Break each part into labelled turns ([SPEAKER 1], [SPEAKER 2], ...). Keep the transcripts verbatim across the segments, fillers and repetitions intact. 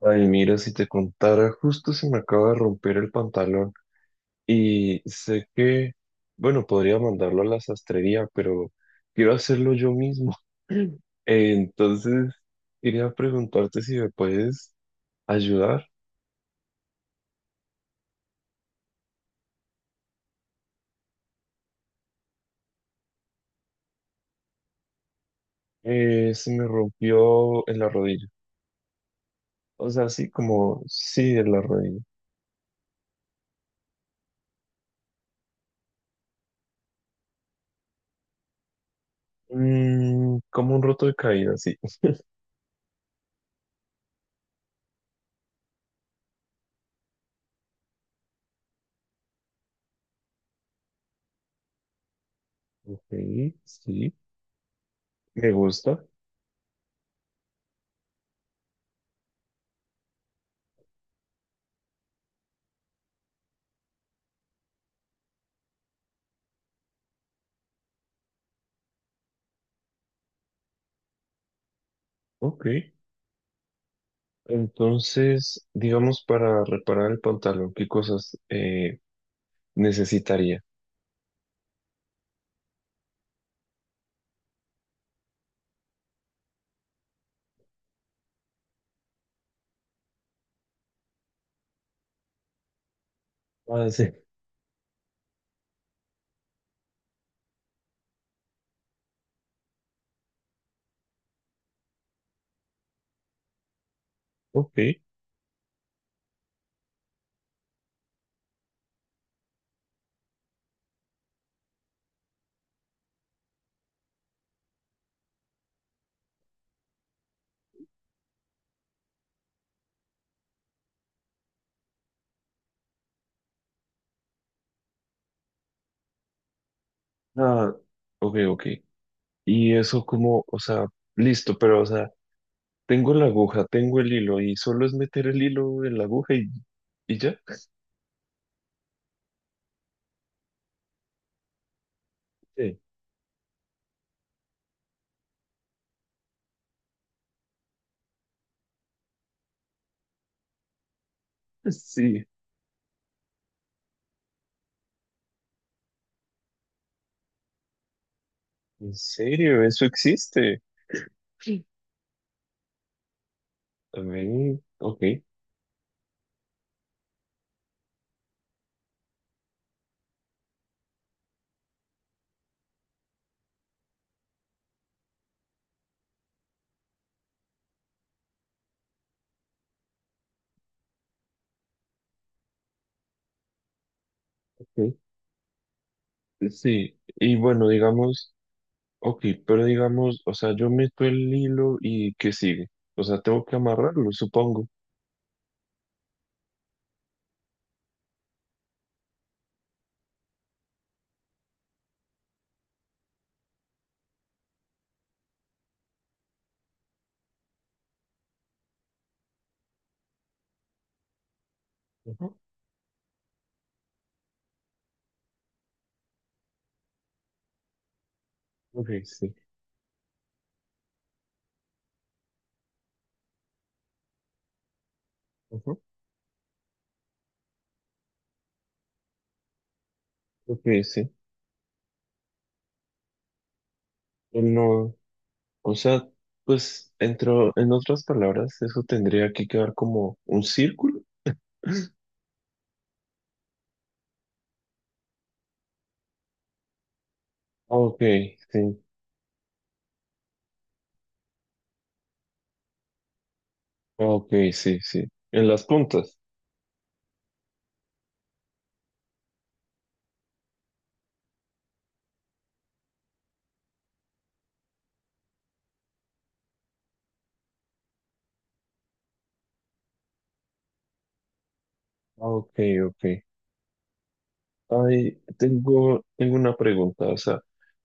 [SPEAKER 1] Ay, mira, si te contara, justo se me acaba de romper el pantalón y sé que, bueno, podría mandarlo a la sastrería, pero quiero hacerlo yo mismo. Entonces, quería preguntarte si me puedes ayudar. Eh, se me rompió en la rodilla. O sea, así como, sí, en la rodilla. Mm, como un roto de caída, sí. Ok, sí, me gusta. Ok. Entonces, digamos, para reparar el pantalón, ¿qué cosas eh, necesitaría? Ah, sí. Ok. Ah, ok, ok. Y eso como, o sea, listo, pero, o sea, tengo la aguja, tengo el hilo y solo es meter el hilo en la aguja y, y ya. Sí. Sí, en serio, eso existe. Sí. También, ok, ok. Sí, y bueno, digamos. Ok, pero digamos, o sea, yo meto el hilo y ¿qué sigue? O sea, tengo que amarrarlo, supongo. Ujú, ok, sí. Ujú, ok, sí. El nodo. O sea, pues, entro, en otras palabras, eso tendría que quedar como un círculo. Ok, sí. Ok, sí, sí. En las puntas. Ok, ok. Ahí tengo, tengo una pregunta. O sea,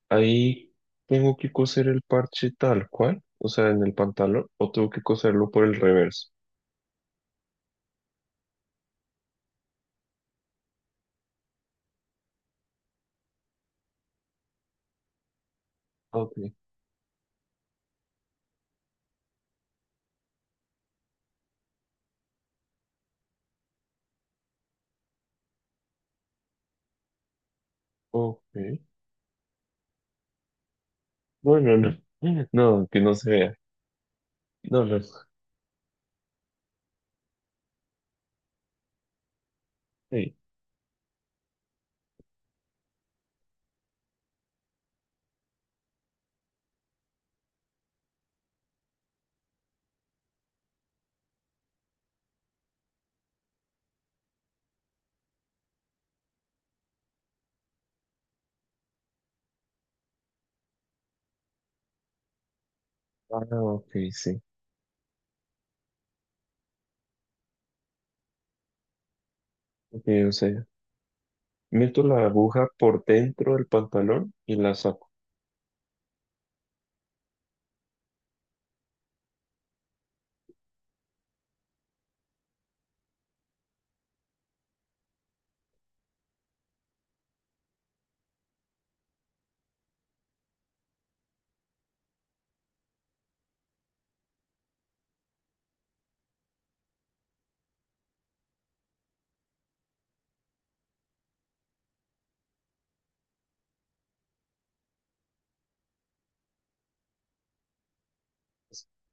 [SPEAKER 1] ahí tengo que coser el parche tal cual, o sea, en el pantalón, o tengo que coserlo por el reverso. Ok, ok. No, no, no. No, que no se vea. No, no. Sí. Ah, ok, sí. Ok, o sea, meto la aguja por dentro del pantalón y la saco.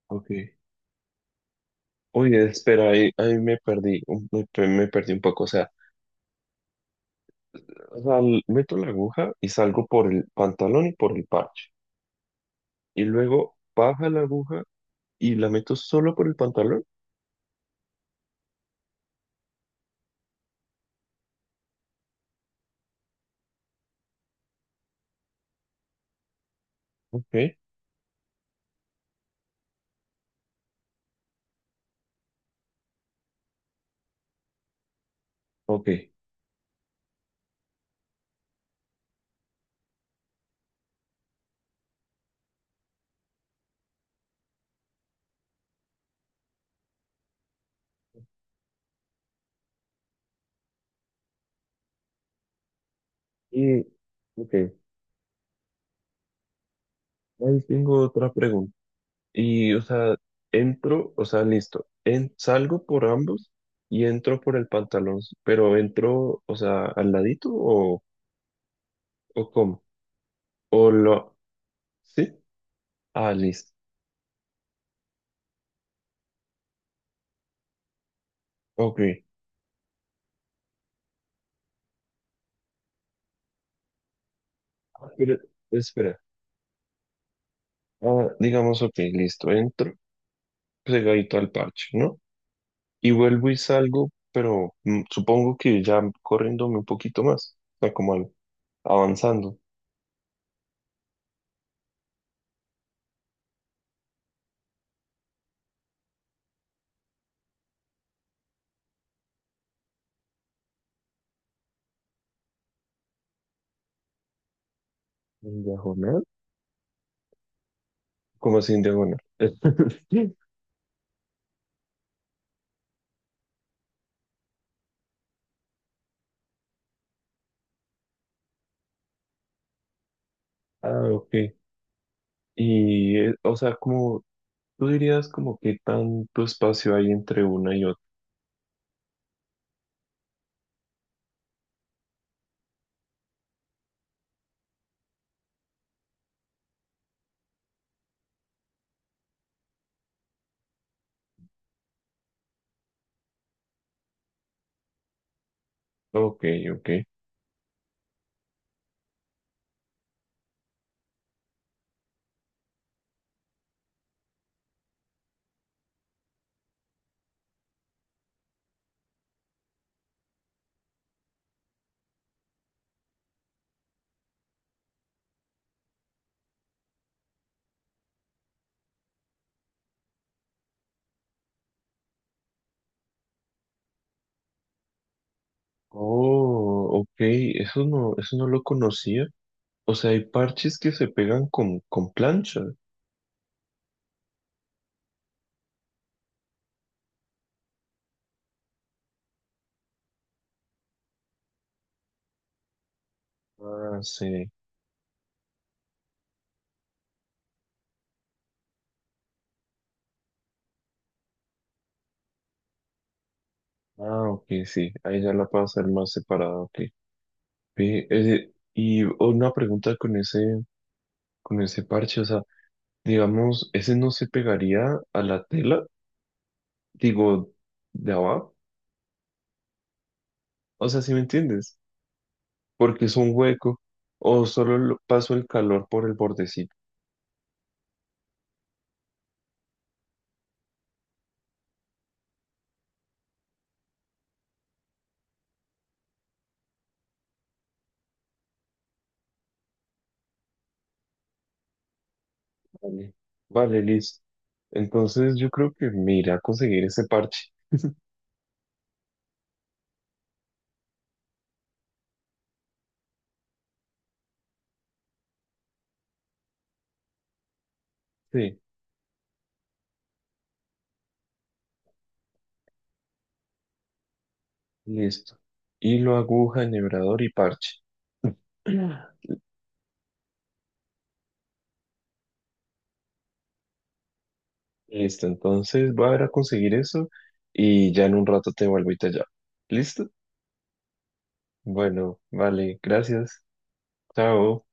[SPEAKER 1] Ok. Oye, espera, ahí, ahí me perdí, un- me, pe- me perdí un poco. O sea, o sea, l- meto la aguja y salgo por el pantalón y por el parche. Y luego baja la aguja y la meto solo por el pantalón. Ok, ok. Y, ok, ahí tengo otra pregunta. Y, o sea, entro, o sea, listo, en, salgo por ambos y entro por el pantalón, pero entro, o sea, al ladito o, o cómo, o lo, ¿sí? Ah, listo, ok. Pero, espera, ah, digamos, ok, listo, entro pegadito al parche, ¿no? Y vuelvo y salgo, pero mm, supongo que ya corriéndome un poquito más, o sea, como al- avanzando. ¿En diagonal? ¿Como así en diagonal? Ah, ok. Y, eh, o sea, como tú dirías como que tanto espacio hay entre una y otra. Ok, ok. Oh, ok, eso no, eso no lo conocía. O sea, hay parches que se pegan con, con plancha. Ah, sí. Ah, ok, sí. Ahí ya la puedo hacer más separada, ok. Ve, eh, y una pregunta con ese, con ese parche, o sea, digamos, ese no se pegaría a la tela, digo, de abajo. O sea, ¿si me entiendes? Porque es un hueco, o solo lo- paso el calor por el bordecito. Vale, vale, listo. Entonces yo creo que mira, conseguir ese parche. Sí, listo. Hilo, aguja, enhebrador y parche. Listo, entonces voy a ir a conseguir eso y ya en un rato te vuelvo y te llamo. ¿Listo? Bueno, vale, gracias. Chao.